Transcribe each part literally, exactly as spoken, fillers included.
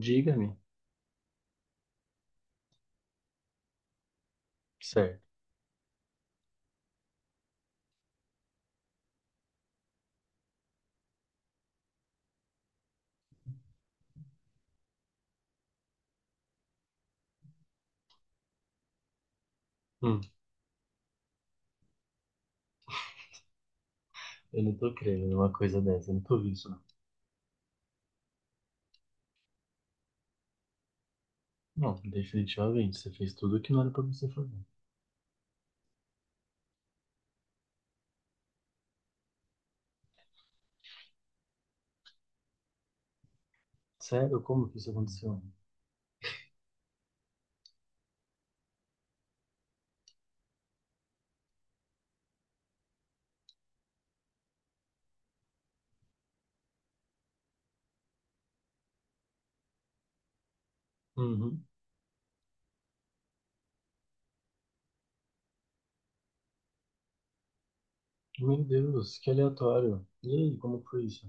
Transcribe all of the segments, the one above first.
Diga-me. Certo. Hum, eu não tô crendo numa coisa dessa, eu não tô vendo isso, não. Não, definitivamente, você fez tudo o que não era pra você fazer. Sério? Como que isso aconteceu? Uhum. Meu Deus, que aleatório. E aí, como foi isso?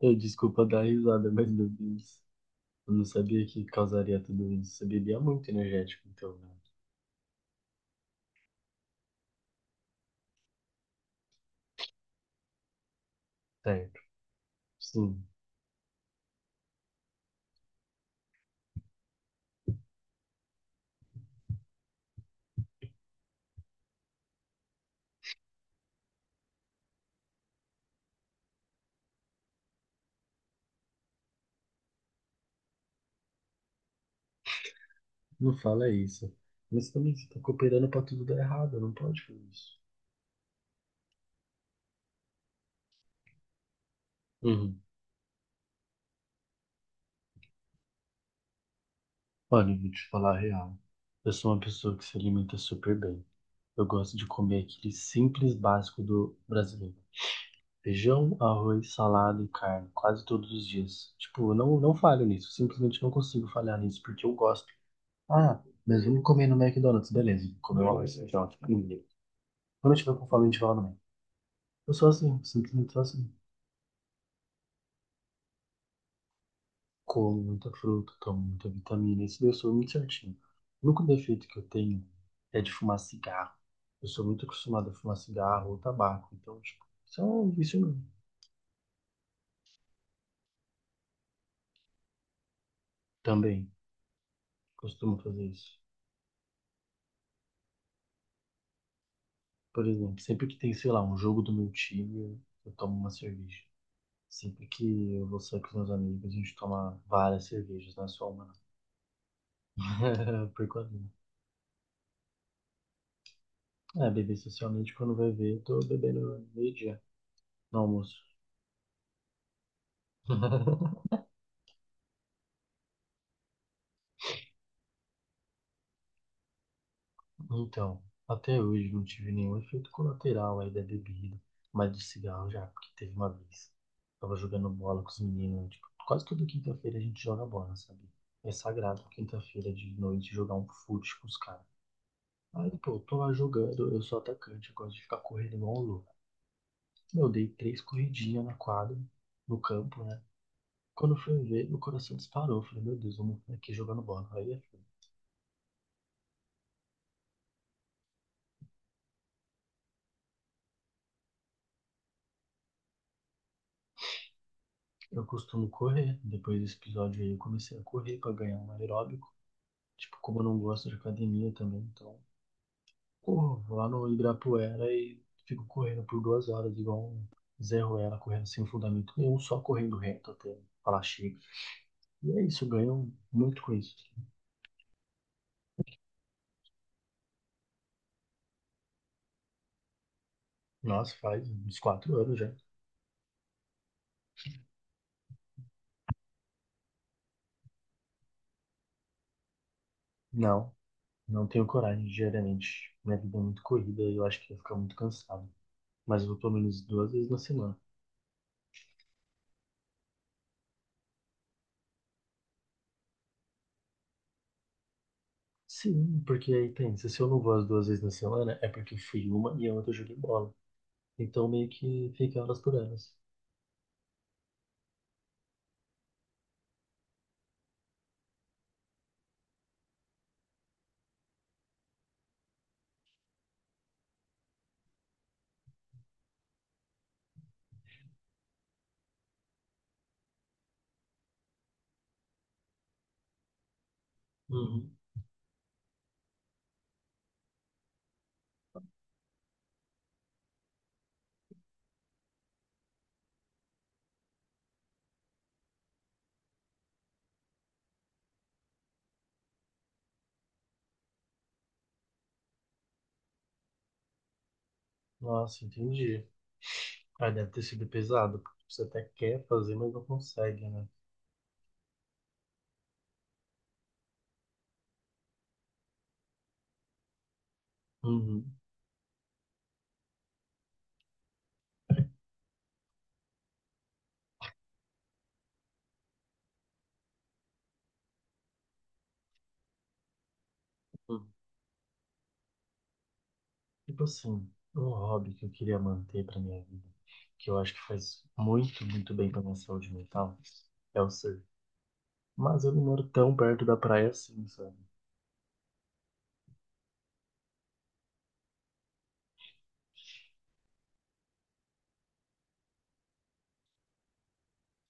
Eu, desculpa dar risada, mas meu Deus. Eu não sabia que causaria tudo isso. Você bebia muito energético, então, né? Certo. Sim, não fala isso. Mas também você tá cooperando pra tudo dar errado, não pode fazer isso. Uhum. Olha, eu vou te falar a real. Eu sou uma pessoa que se alimenta super bem. Eu gosto de comer aquele simples básico do brasileiro. Feijão, arroz, salada e carne, quase todos os dias. Tipo, eu não, não falho nisso. Simplesmente não consigo falhar nisso, porque eu gosto. Ah, mas vamos comer no McDonald's, beleza. Comer um arroz, feijão, tipo, ninguém. Quando eu tiver com fome, a gente vai lá no Mac. Eu sou assim, simplesmente sou assim. Como muita fruta, tomo muita vitamina, isso daí eu sou muito certinho. O único defeito que eu tenho é de fumar cigarro. Eu sou muito acostumado a fumar cigarro ou tabaco, então, tipo, isso é um vício meu. Também costumo fazer isso. Por exemplo, sempre que tem, sei lá, um jogo do meu time, eu tomo uma cerveja. Sempre que eu vou sair com os meus amigos, a gente toma várias cervejas, não é só uma. Não. Por quase. É, beber socialmente, quando vai ver, eu tô bebendo meio-dia no almoço. Então, até hoje não tive nenhum efeito colateral aí da bebida, mas do cigarro já, porque teve uma vez. Tava jogando bola com os meninos, tipo, quase toda quinta-feira a gente joga bola, sabe? É sagrado quinta-feira de noite jogar um fute com os caras. Aí, pô, eu tô lá jogando, eu sou atacante, eu gosto de ficar correndo igual um louco. Meu, eu dei três corridinhas na quadra, no campo, né? Quando eu fui ver, meu coração disparou. Eu falei, meu Deus, vamos aqui jogando bola. Aí, eu costumo correr. Depois desse episódio aí, eu comecei a correr pra ganhar um aeróbico. Tipo, como eu não gosto de academia também, então corro, vou lá no Ibirapuera e fico correndo por duas horas, igual um Zé Ruela, correndo sem fundamento nenhum, só correndo reto até falar chega. E é isso, eu ganho muito com isso. Nossa, faz uns quatro anos já. Não, não tenho coragem, diariamente. Minha vida é muito corrida e eu acho que ia ficar muito cansado. Mas eu vou pelo menos duas vezes na semana. Sim, porque aí tem. Se eu não vou as duas vezes na semana, é porque fui uma e a outra eu joguei bola. Então meio que fica elas por elas. Uhum. Nossa, entendi. Ah, deve ter sido pesado, porque você até quer fazer, mas não consegue, né? Uhum, uhum. Tipo assim, um hobby que eu queria manter pra minha vida, que eu acho que faz muito, muito bem pra minha saúde mental, é o surf. Mas eu não moro tão perto da praia assim, sabe?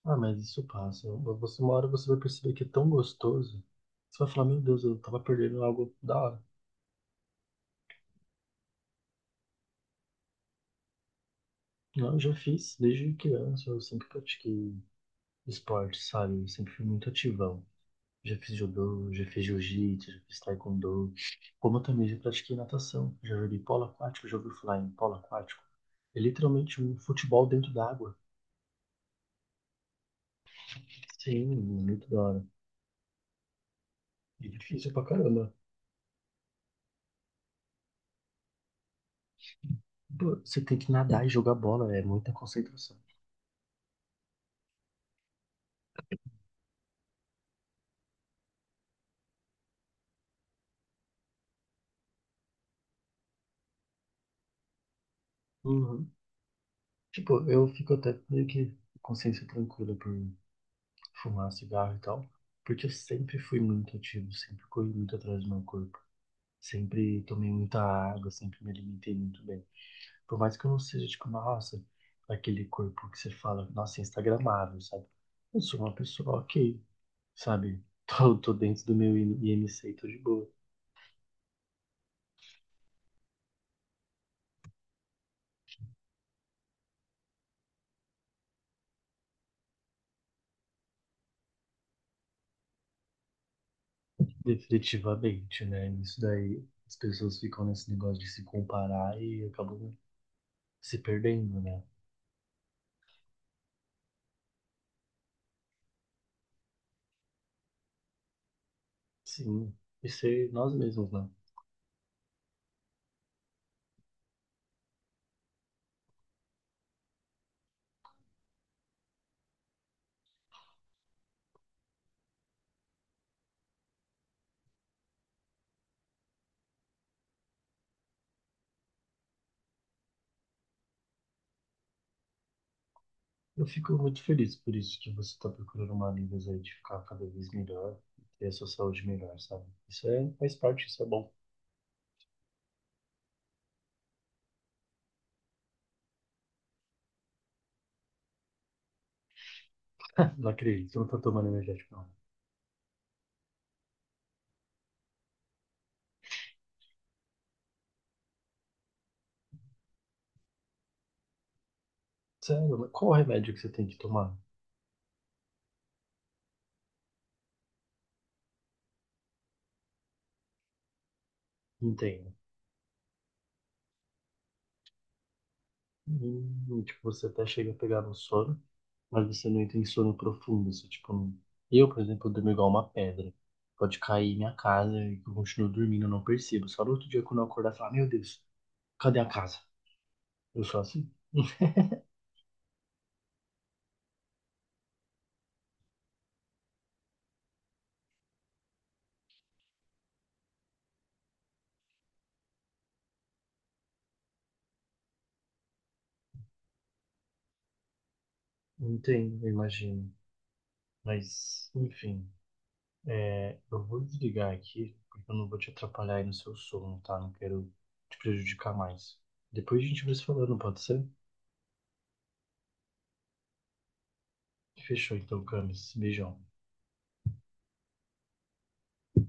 Ah, mas isso passa. Você uma hora você vai perceber que é tão gostoso. Você vai falar, meu Deus, eu tava perdendo algo da hora. Não, eu já fiz desde criança, eu sempre pratiquei esporte, sabe? Eu sempre fui muito ativão. Já fiz judô, já fiz jiu-jitsu, já fiz taekwondo. Como eu também já pratiquei natação, já joguei polo aquático, já ouvi falar em polo aquático. É literalmente um futebol dentro da água. Sim, muito da hora. E difícil pra caramba. Pô, você tem que nadar e jogar bola, é muita concentração. Uhum. Tipo, eu fico até meio que com consciência tranquila por fumar cigarro e tal, porque eu sempre fui muito ativo, sempre corri muito atrás do meu corpo. Sempre tomei muita água, sempre me alimentei muito bem. Por mais que eu não seja, tipo, nossa, aquele corpo que você fala, nossa, é instagramável, sabe? Eu sou uma pessoa ok, sabe? Tô, tô dentro do meu I M C e tô de boa. Definitivamente, né? Isso daí, as pessoas ficam nesse negócio de se comparar e acabam se perdendo, né? Sim, e ser nós mesmos, né? Eu fico muito feliz por isso que você tá procurando maneiras aí de ficar cada vez melhor, ter a sua saúde melhor, sabe? Isso é, faz parte, isso é bom. Não acredito, eu não tô tomando energético, não. Sério, mas qual o remédio que você tem que tomar? Entendo. Hum, tipo, você até chega a pegar no sono, mas você não entra sono profundo. Você, tipo, não- eu, por exemplo, durmo igual uma pedra. Pode cair minha casa e eu continuo dormindo, eu não percebo. Só no outro dia, quando eu acordar, falar, meu Deus, cadê a casa? Eu sou assim. Entendo, eu imagino. Mas, enfim, é, eu vou desligar aqui, porque eu não vou te atrapalhar aí no seu sono, tá? Não quero te prejudicar mais. Depois a gente vai se falando, pode ser? Fechou então, Camis. Beijão.